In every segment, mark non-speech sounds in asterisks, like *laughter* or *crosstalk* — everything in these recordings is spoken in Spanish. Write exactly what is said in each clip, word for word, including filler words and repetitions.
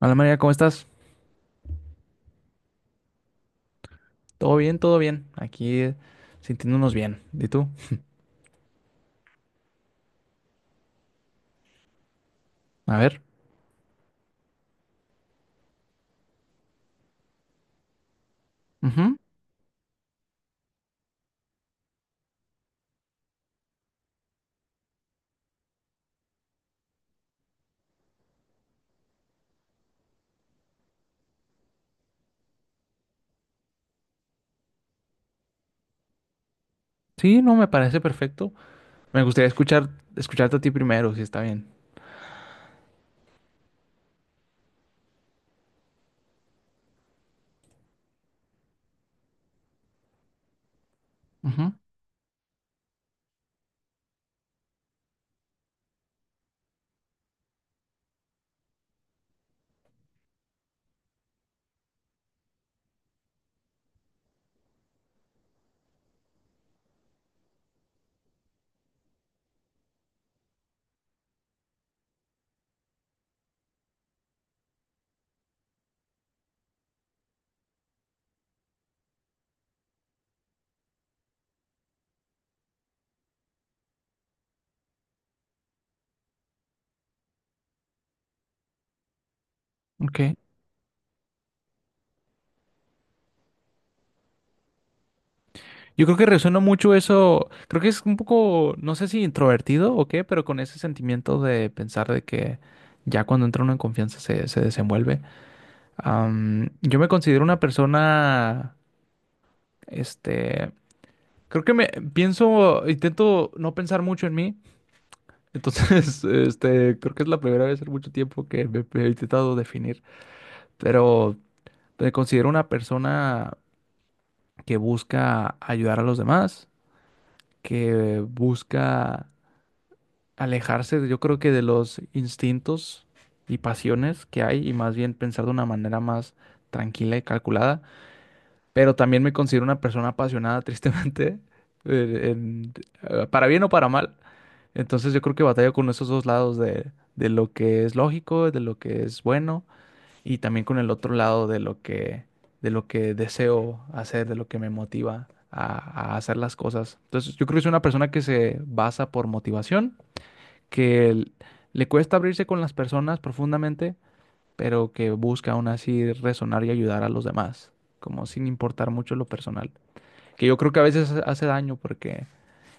Hola María, ¿cómo estás? ¿Todo bien? ¿Todo bien? Aquí eh, sintiéndonos bien. ¿Y tú? A ver. Ujú. Sí, no, me parece perfecto. Me gustaría escuchar, escucharte a ti primero, si está bien. Ujú. Ok. Yo creo que resuena mucho eso. Creo que es un poco, no sé si introvertido o qué, pero con ese sentimiento de pensar de que ya cuando entra uno en confianza se, se desenvuelve. Am, yo me considero una persona, este, creo que me pienso, intento no pensar mucho en mí. Entonces, *laughs* este, creo que es la primera vez en mucho tiempo que me, me he intentado definir, pero me considero una persona que busca ayudar a los demás, que busca alejarse, de- yo creo que de los instintos y pasiones que hay y más bien pensar de una manera más tranquila y calculada, pero también me considero una persona apasionada, *laughs* tristemente, en- en- eh, para bien o para mal. Entonces yo creo que batalla con esos dos lados de, de lo que es lógico, de lo que es bueno, y también con el otro lado de lo que, de lo que deseo hacer, de lo que me motiva a, a hacer las cosas. Entonces yo creo que es una persona que se basa por motivación, que l- le cuesta abrirse con las personas profundamente, pero que busca aún así resonar y ayudar a los demás, como sin importar mucho lo personal, que yo creo que a veces hace hace daño porque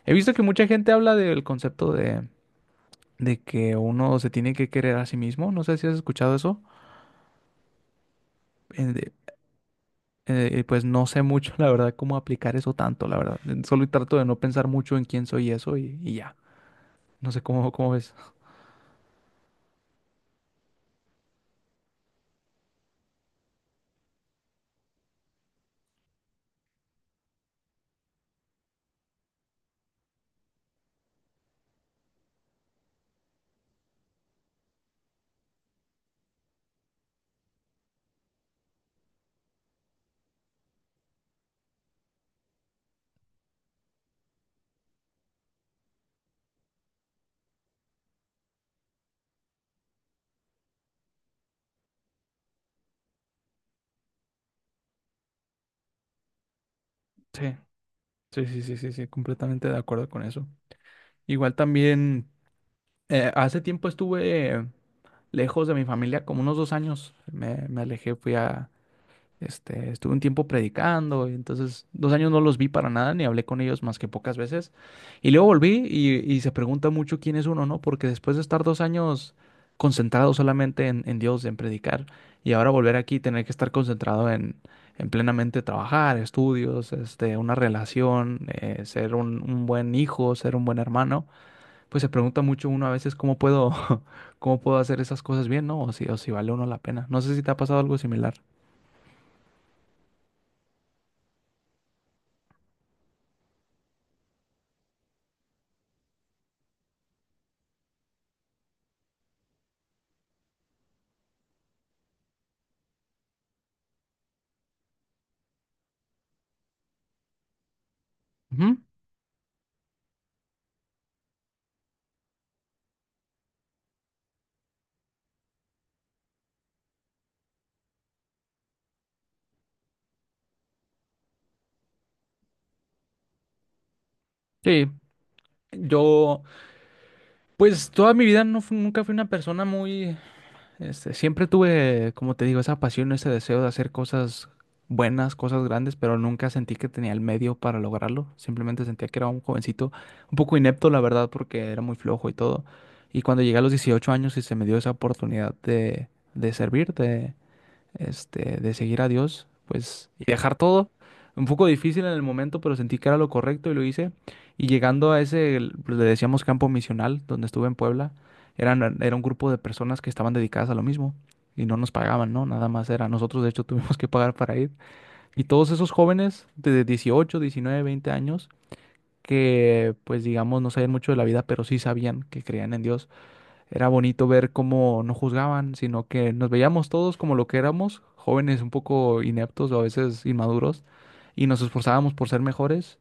he visto que mucha gente habla del concepto de de que uno se tiene que querer a sí mismo. No sé si has escuchado eso. Eh, de- eh, pues no sé mucho, *laughs* la verdad, cómo aplicar eso tanto, la verdad. Eh, Solo trato de no pensar mucho en quién soy y eso y, y ya. No sé cómo, cómo ves. Sí, sí, sí, sí, sí, sí, completamente de acuerdo con eso. Igual también, eh, hace tiempo estuve lejos de mi familia, como unos dos años. Me, me alejé, fui a, Este, estuve un tiempo predicando, y entonces dos años no los vi para nada, ni hablé con ellos más que pocas veces. Y luego volví y, y se pregunta mucho quién es uno, ¿no? Porque después de estar dos años concentrado solamente en, en Dios, en predicar, y ahora volver aquí y tener que estar concentrado en, en plenamente trabajar, estudios, este, una relación, eh, ser un, un buen hijo, ser un buen hermano, pues se pregunta mucho uno a veces cómo puedo, *laughs* cómo puedo hacer esas cosas bien, ¿no? O si, o si vale uno la pena. No sé si te ha pasado algo similar. Ujú. Sí, Yo, pues toda mi vida no fu- nunca fui una persona muy, este, siempre tuve, como te digo, esa pasión, ese deseo de hacer cosas buenas, cosas grandes, pero nunca sentí que tenía el medio para lograrlo. Simplemente sentía que era un jovencito, un poco inepto, la verdad, porque era muy flojo y todo. Y cuando llegué a los dieciocho años y se me dio esa oportunidad de, de servir, este, de seguir a Dios, pues, y dejar todo. Un poco difícil en el momento, pero sentí que era lo correcto y lo hice. Y llegando a ese, el- pues, le decíamos campo misional, donde estuve en Puebla, eran, era un grupo de personas que estaban dedicadas a lo mismo y no nos pagaban, ¿no? Nada más era. Nosotros, de hecho, *laughs* tuvimos que pagar para ir. Y todos esos jóvenes de dieciocho, diecinueve, veinte años, que pues digamos no sabían mucho de la vida, pero sí sabían que creían en Dios, era bonito ver cómo no juzgaban, sino que nos veíamos todos como lo que éramos, jóvenes un poco ineptos o a veces inmaduros, y nos esforzábamos por ser mejores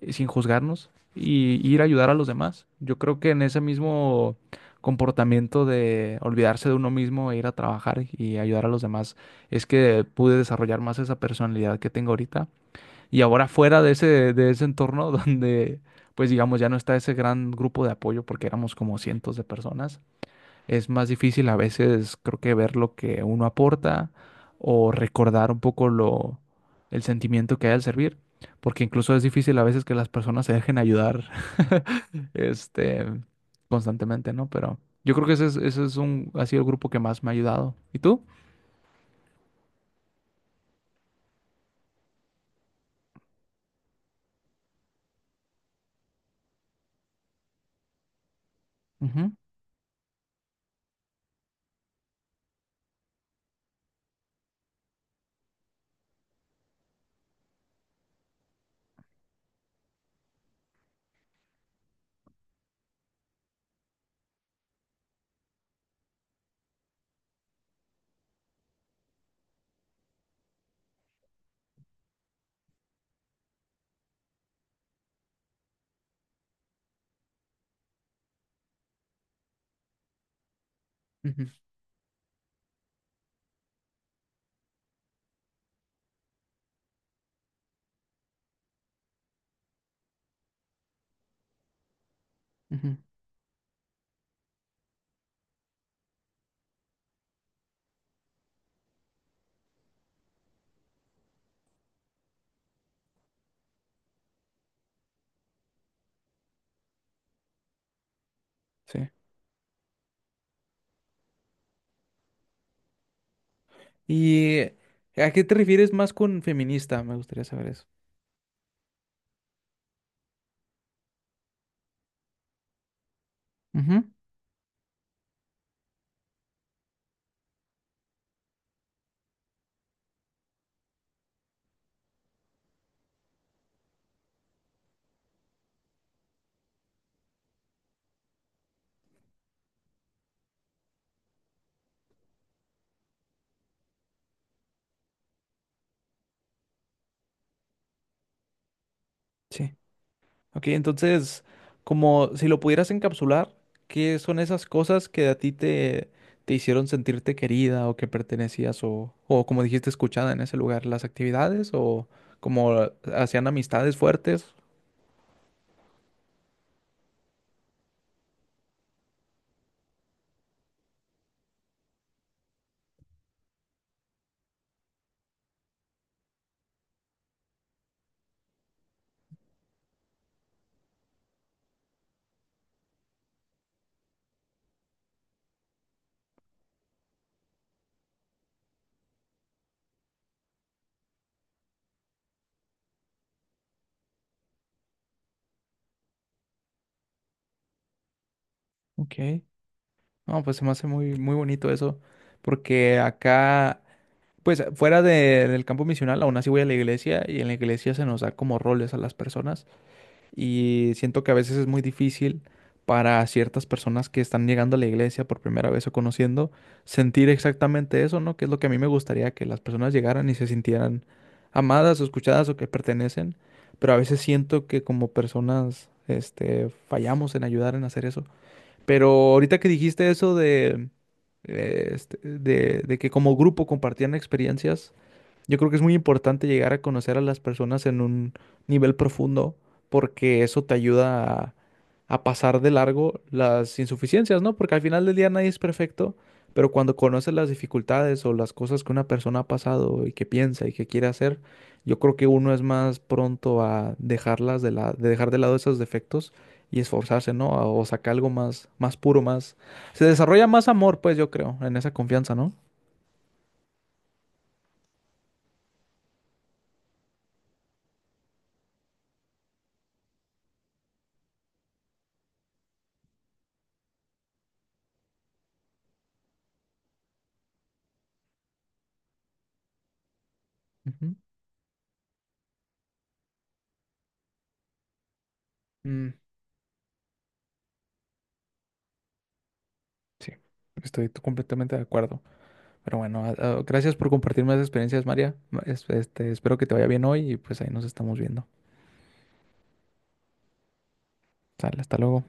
eh, sin juzgarnos y y ir a ayudar a los demás. Yo creo que en ese mismo comportamiento de olvidarse de uno mismo e ir a trabajar y ayudar a los demás es que pude desarrollar más esa personalidad que tengo ahorita. Y ahora fuera de ese, de ese, entorno *laughs* donde, pues digamos, ya no está ese gran grupo de apoyo porque éramos como cientos de personas, es más difícil a veces, creo que ver lo que uno aporta o recordar un poco lo, el sentimiento que hay al servir, porque incluso es difícil a veces que las personas se dejen ayudar, *laughs* este, constantemente, ¿no? Pero yo creo que ese es, ese es un, ha sido el grupo que más me ha ayudado. ¿Y tú? Ujú, ujú, ujú. Sí. ¿Y a qué te refieres más con feminista? Me gustaría saber eso. Ujú. Sí. Ok, entonces, como si lo pudieras encapsular, ¿qué son esas cosas que a ti te, te hicieron sentirte querida o que pertenecías o, o como dijiste, escuchada en ese lugar? ¿Las actividades o como hacían amistades fuertes? Ok, no, pues se me hace muy, muy bonito eso, porque acá, pues fuera de- del campo misional, aún así voy a la iglesia y en la iglesia se nos da como roles a las personas. Y siento que a veces es muy difícil para ciertas personas que están llegando a la iglesia por primera vez o conociendo, sentir exactamente eso, ¿no? Que es lo que a mí me gustaría, que las personas llegaran y se sintieran amadas o escuchadas o que pertenecen. Pero a veces siento que como personas, este, fallamos en ayudar en hacer eso. Pero ahorita que dijiste eso de, eh, este, de, de que como grupo compartían experiencias, yo creo que es muy importante llegar a conocer a las personas en un nivel profundo porque eso te ayuda a, a pasar de largo las insuficiencias, ¿no? Porque al final del día nadie es perfecto, pero cuando conoces las dificultades o las cosas que una persona ha pasado y que piensa y que quiere hacer, yo creo que uno es más pronto a dejarlas de la, de dejar de lado esos defectos y esforzarse, ¿no? O sacar algo más, más puro, más. Se desarrolla más amor, pues yo creo, en esa confianza, ¿no? Ujú. Mm. Sí, estoy t- completamente de acuerdo. Pero bueno, a- a- gracias por compartirme las experiencias, María. Ma- es- Este, espero que te vaya bien hoy y pues ahí nos estamos viendo. Sale, hasta luego.